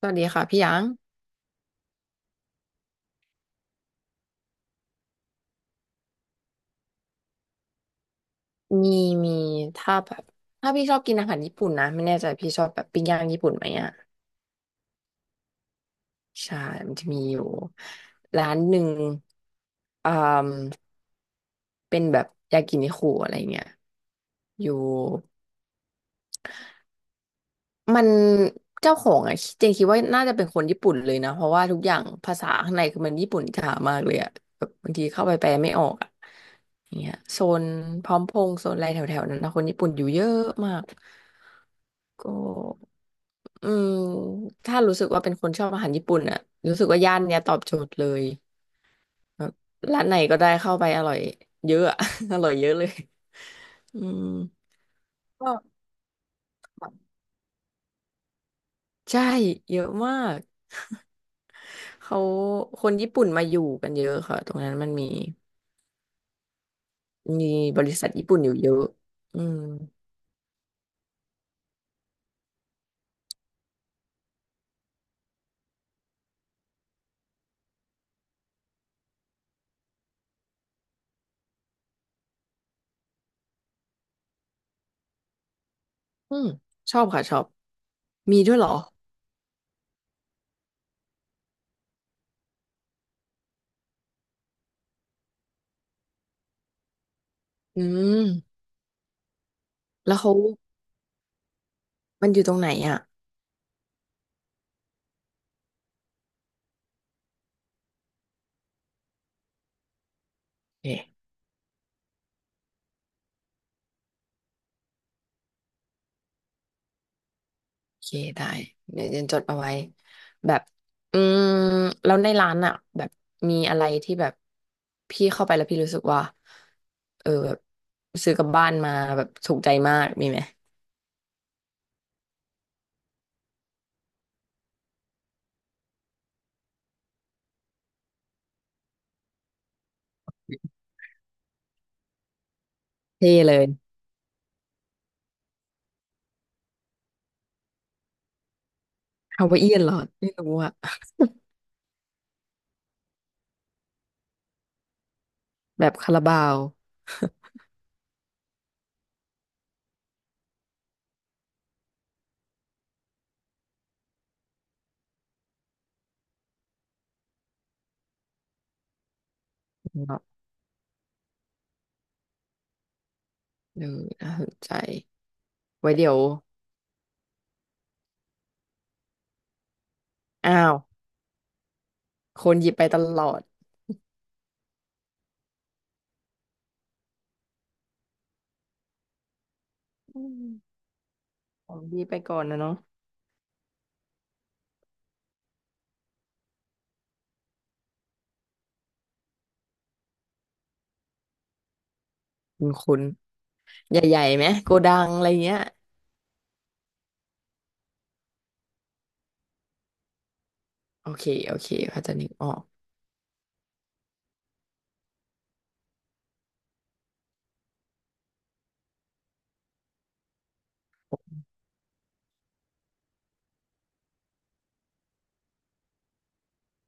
สวัสดีค่ะพี่หยางมีมีถ้าแบบถ้าพี่ชอบกินอาหารญี่ปุ่นนะไม่แน่ใจพี่ชอบแบบปิ้งย่างญี่ปุ่นไหมอ่ะใช่มันจะมีอยู่ร้านหนึ่งอ่าเป็นแบบยากินิคุอะไรเงี้ยอยู่มันเจ้าของอ่ะเจนคิดว่าน่าจะเป็นคนญี่ปุ่นเลยนะเพราะว่าทุกอย่างภาษาข้างในคือมันญี่ปุ่นจ๋ามากเลยอ่ะแบบบางทีเข้าไปแปลไม่ออกอ่ะอย่างเงี้ยโซนพร้อมพงษ์โซนอะไรแถวๆนั้นนะคนญี่ปุ่นอยู่เยอะมาก ก็อืมถ้ารู้สึกว่าเป็นคนชอบอาหารญี่ปุ่นอะรู้สึกว่าย่านเนี้ยตอบโจทย์เลยแบบร้านไหนก็ได้เข้าไปอร่อยเยอะอะ อร่อยเยอะเลยอืมก็ใช่เยอะมากเขาคนญี่ปุ่นมาอยู่กันเยอะค่ะตรงนั้นมันมีบริษัทญี่ปุ่นอยู่เยอะอืมอืมชอบค่ะชอบมีด้วยเหรออืมแล้วเขามันอยู่ตรงไหนอ่ะเอ๊ะ โอเคได้เดี๋ยวเจนจดเอาไว้แบบอืมแล้วในร้านอ่ะแบบมีอะไรที่แบบพี่เข้าไปแล้วพี่รู้สึกว่าเออแบบซื้อกลับบ้านมาแบบถูกใจมากมีไหมเท่เลยฮาวายเอียนเหรอไม่รู้อะแบบคาราบาวแบบเออน่าสนใจไว้เดี๋ยวอ้าวคนหยิบไปตลอดอืมของดีไปก่อนนะเนาะคุณใหญ่ๆไหมโกดังอะไรเงี้ยโอเคเขาใจะนึกออก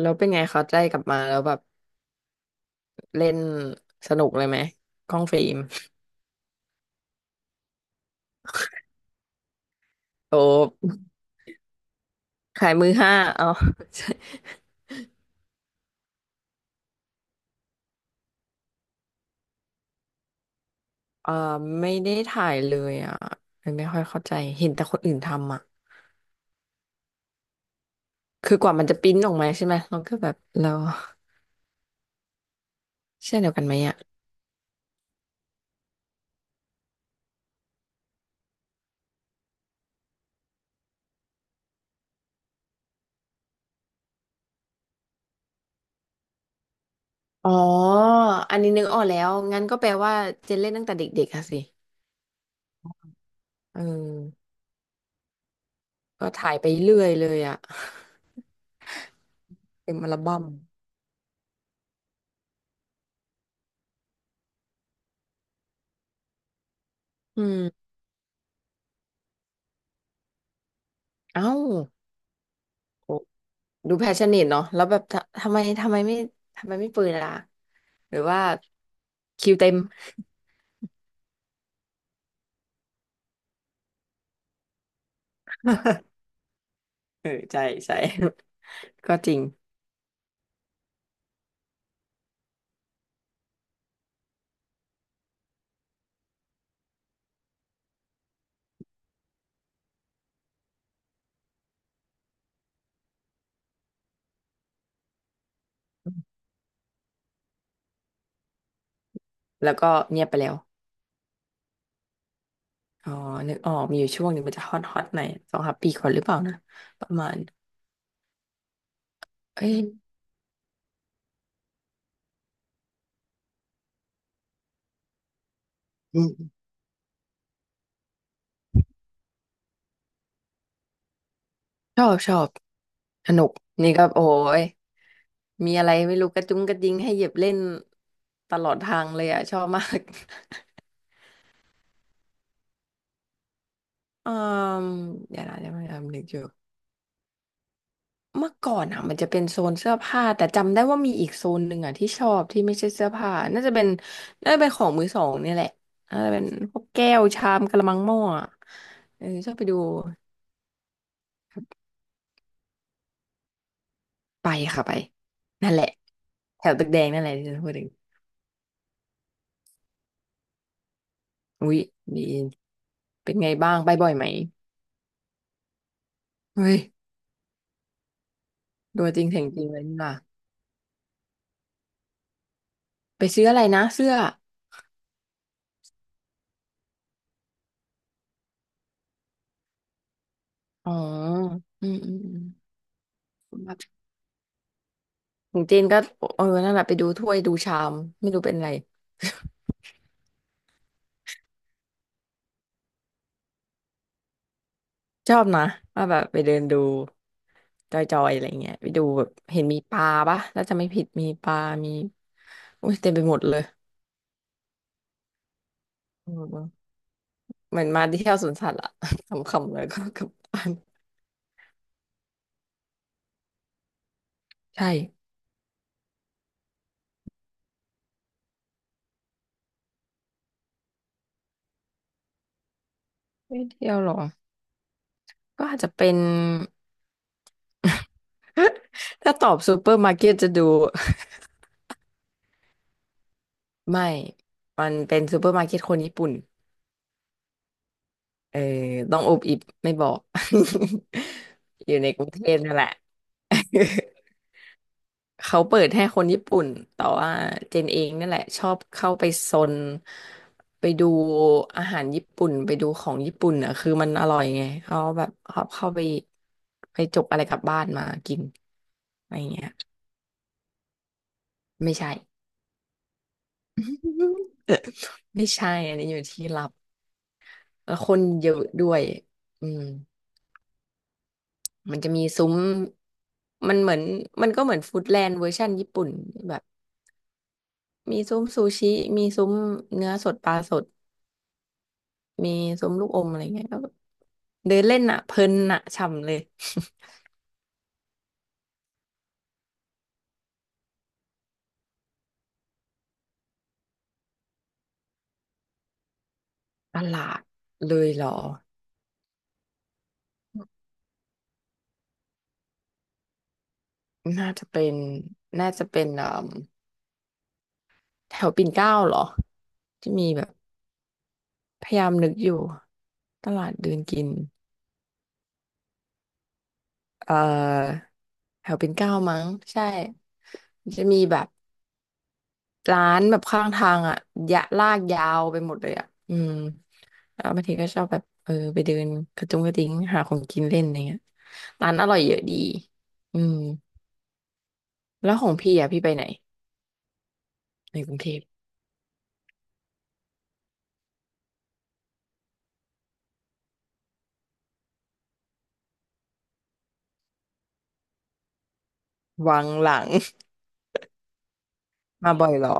แล้วเป็นไงเขาได้กลับมาแล้วแบบเล่นสนุกเลยไหมกล้องฟิล์มโอ้ขายมือห้าเอา ใช่เออไม่ได้ถ่ายเลยอ่ะเลยไม่ค่อยเข้าใจเห็นแต่คนอื่นทำอ่ะคือกว่ามันจะปริ้นออกมาใช่ไหมเราก็แบบเราเช่นเดียวกันไหมอ่ะอ๋ออันนี้นึกออกแล้วงั้นก็แปลว่าเจนเล่นตั้งแต่เด็กๆอะสิเออก็ถ่ายไปเรื่อยเลยอ่ะเต็มอัลบั้มอืมเอ้าโอ้ดูแพชชั่นเนตเนาะแล้วแบบทะทำไมไม่ทำไมไม่ปืนล่ะ หรือว่าคิวเต็ม เออใช่ใช่ ก็จริงแล้วก็เงียบไปแล้วอ๋อนึกออกมีอยู่ช่วงหนึ่งมันจะฮอตฮอตหน่อยสองสามปีก่อนหรือเปล่านะประมาณเอ้ยอืมชอบชอบสนุกนี่ก็โอ้ยมีอะไรไม่รู้กระจุงกระดิงให้เหยียบเล่นตลอดทางเลยอ่ะชอบมาก อืมเดี๋ยวนะนึกอยู่ เมื่อก่อนอ่ะมันจะเป็นโซนเสื้อผ้าแต่จำได้ว่ามีอีกโซนหนึ่งอ่ะที่ชอบที่ไม่ใช่เสื้อผ้าน่าจะเป็นของมือสองเนี่ยแหละน่าจะเป็นพวกแก้วชามกะละมังหม้ออะเออชอบไปดูไปค่ะไปนั่นแหละแถวตึกแดงนั่นแหละที่ฉันพูดถึงอุ๊ยดีเป็นไงบ้างไปบ่อยไหมเฮ้ยตัวจริงเสียงจริงเลยนี่ว่ะไปซื้ออะไรนะเสื้ออ๋ออืมของเจนก็เออนั่นแหละไปดูถ้วยดูชามไม่รู้เป็นอะไร ชอบนะว่าแบบไปเดินดูจอยๆอะไรเงี้ยไปดูแบบเห็นมีปลาปะถ้าจะไม่ผิดมีปลา มีอุ้ยเต็มไปหมดเลยอืมเหมือนมาที่เที่ยวสวนสัตว์อะ ขำๆเลยก็กลับบ้านใช่ไม่เที่ยวหรอก็อาจจะเป็น ถ้าตอบซูเปอร์มาร์เก็ตจะดูไม่ มันเป็นซูเปอร์มาร์เก็ตคนญี่ปุ่นเออต้องอุบอิบไม่บอก อยู่ในกรุงเทพนั่นแหละ เขาเปิดให้คนญี่ปุ่น แต่ว่าเจนเองนั่นแหละชอบเข้าไปซนไปดูอาหารญี่ปุ่นไปดูของญี่ปุ่นอ่ะคือมันอร่อยไงเขาแบบเขาเข้าไปไปจกอะไรกลับบ้านมากินอะไรเงี้ยไม่ใช่ ไม่ใช่อันนี้อยู่ที่ลับแล้วคนเยอะด้วยอืมมันจะมีซุ้มมันเหมือนมันก็เหมือนฟู้ดแลนด์เวอร์ชันญี่ปุ่นแบบมีซุ้มซูชิมีซุ้มเนื้อสดปลาสด มีส้มลูกอมอะไรเงี้ยก็เดินเล่นอ่ะเพลินอ่ะฉ่ำเลย ตลาดเลยเหรอน่าจะเป็นน่าจะเป็นเอ่มแถวปิ่นเกล้าเหรอที่มีแบบพยายามนึกอยู่ตลาดเดินกินเอ่อแถวปิ่นเกล้ามั้งใช่จะมีแบบร้านแบบข้างทางอ่ะยะลากยาวไปหมดเลยอ่ะอืมแล้วบางทีก็ชอบแบบเออไปเดินกระจุงกระดิ้งหาของกินเล่นอะไรเงี้ยร้านอร่อยเยอะดีอืมแล้วของพี่อ่ะพี่ไปไหน ในกรุงเทพวังหลัง มาบ่อยเหรอ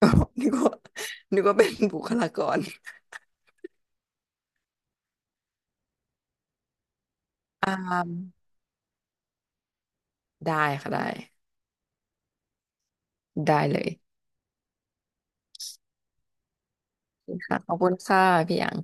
นึกว่านึกว่าเป็นบุคลากรอ่าได้ค่ะได้ได้เลยค่ะขอบคุณค่ะพี่หยาง